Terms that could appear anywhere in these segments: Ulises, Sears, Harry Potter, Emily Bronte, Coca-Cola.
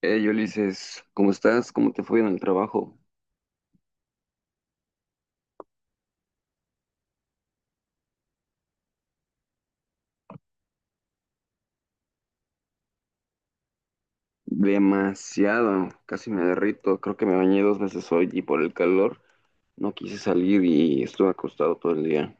Hey Ulises, ¿cómo estás? ¿Cómo te fue en el trabajo? Demasiado, casi me derrito. Creo que me bañé dos veces hoy y por el calor no quise salir y estuve acostado todo el día.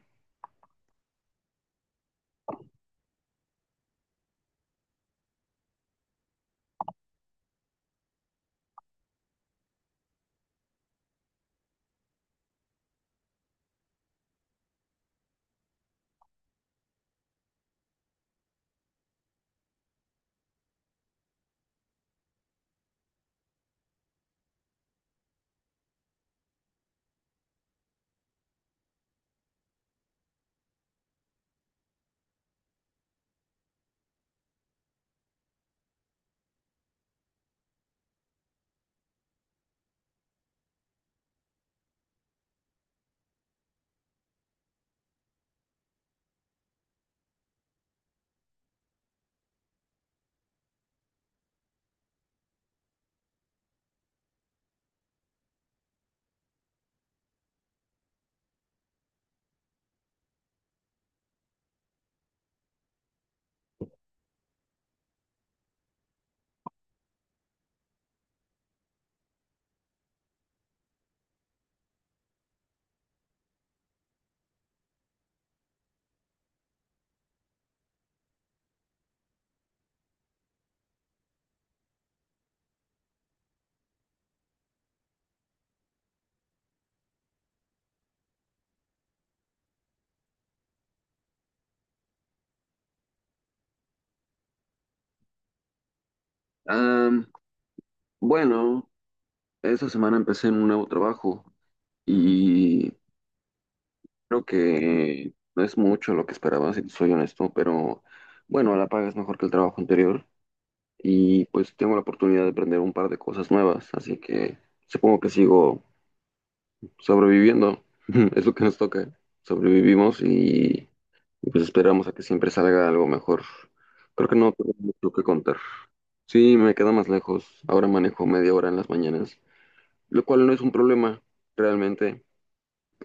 Am, bueno, esta semana empecé en un nuevo trabajo y creo que no es mucho lo que esperaba, si te soy honesto, pero bueno, la paga es mejor que el trabajo anterior y pues tengo la oportunidad de aprender un par de cosas nuevas, así que supongo que sigo sobreviviendo. Es lo que nos toca. Sobrevivimos y, pues esperamos a que siempre salga algo mejor. Creo que no tengo mucho que contar. Sí, me queda más lejos. Ahora manejo media hora en las mañanas, lo cual no es un problema, realmente.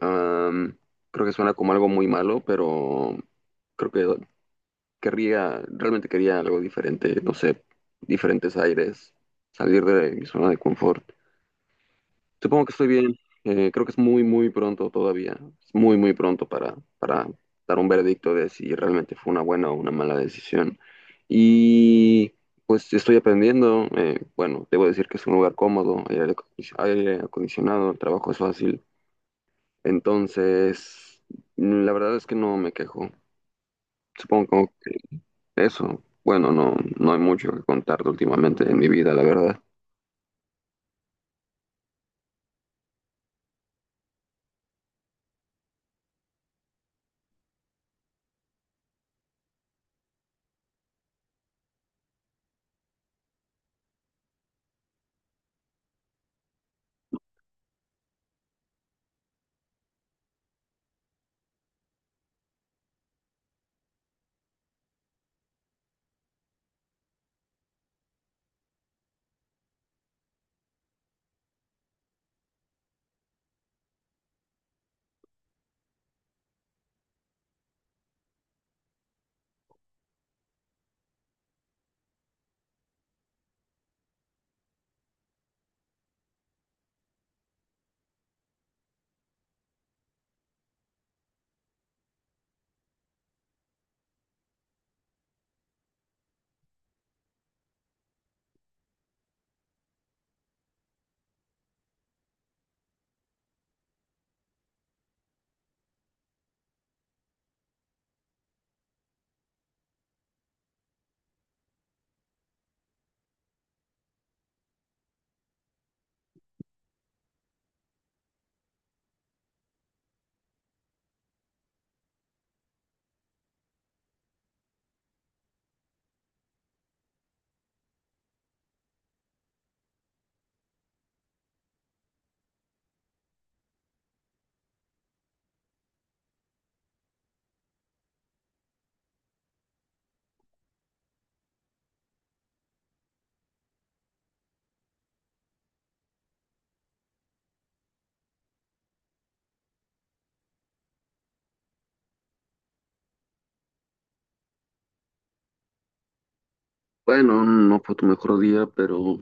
Am, Creo que suena como algo muy malo, pero creo que realmente quería algo diferente, no sé, diferentes aires, salir de mi zona de confort. Supongo que estoy bien. Creo que es muy, muy pronto todavía. Es muy, muy pronto para dar un veredicto de si realmente fue una buena o una mala decisión. Y pues estoy aprendiendo. Bueno, debo decir que es un lugar cómodo, hay aire acondicionado, el trabajo es fácil. Entonces, mm, la verdad es que no me quejo. Supongo que eso, bueno, no hay mucho que contarte últimamente en mi vida, la verdad. Bueno, no fue tu mejor día, pero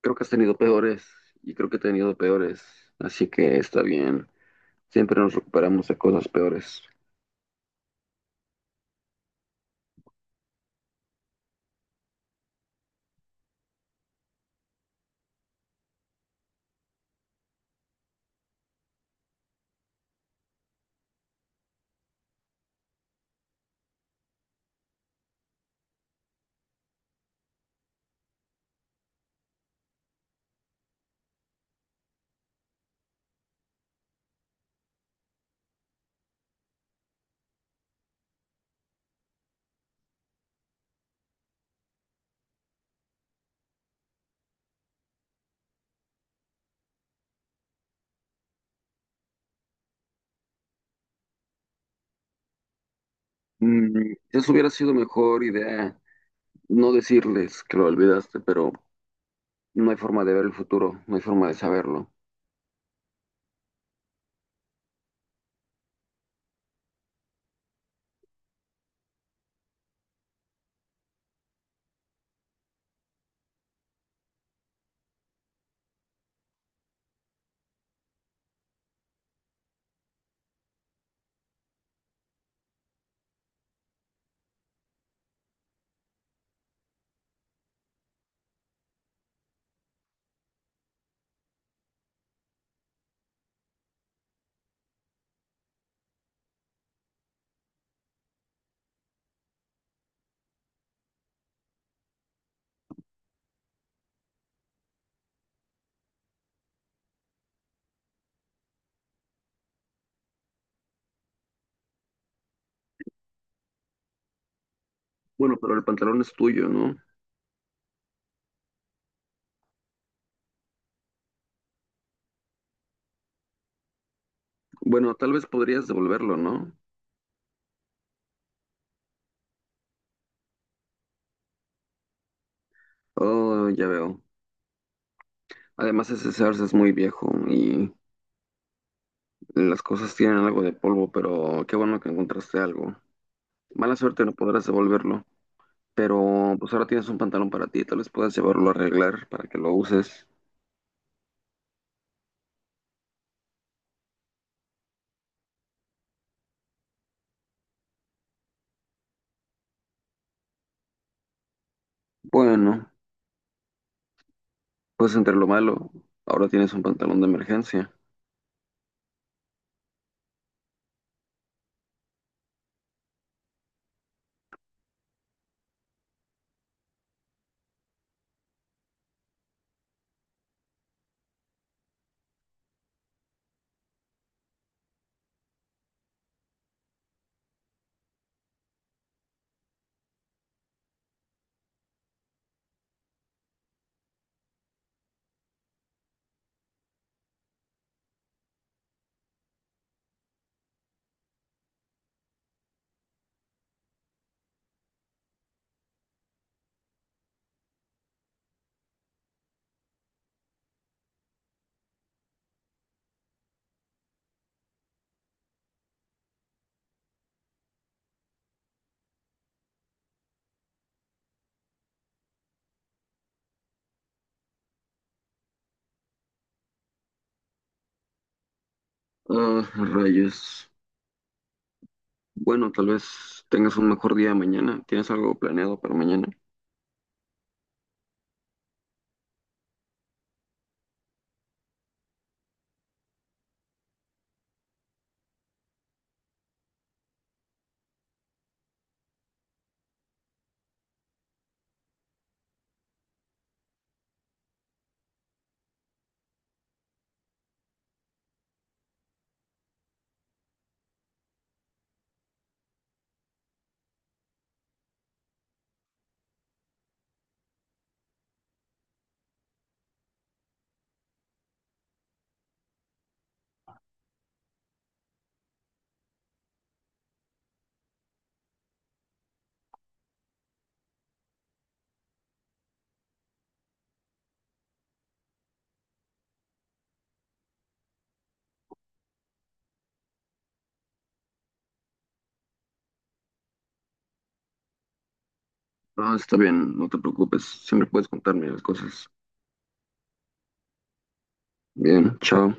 creo que has tenido peores y creo que he tenido peores, así que está bien. Siempre nos recuperamos de cosas peores. Mm, eso hubiera sido mejor idea, no decirles que lo olvidaste, pero no hay forma de ver el futuro, no hay forma de saberlo. Bueno, pero el pantalón es tuyo, ¿no? Bueno, tal vez podrías devolverlo, ¿no? Oh, ya veo. Además, ese Sears es muy viejo y las cosas tienen algo de polvo, pero qué bueno que encontraste algo. Mala suerte, no podrás devolverlo. Pero pues ahora tienes un pantalón para ti, tal vez puedas llevarlo a arreglar para que lo uses. Bueno, pues entre lo malo, ahora tienes un pantalón de emergencia. Ah, rayos. Bueno, tal vez tengas un mejor día mañana. ¿Tienes algo planeado para mañana? Ah, está bien, no te preocupes. Siempre puedes contarme las cosas. Bien, chao.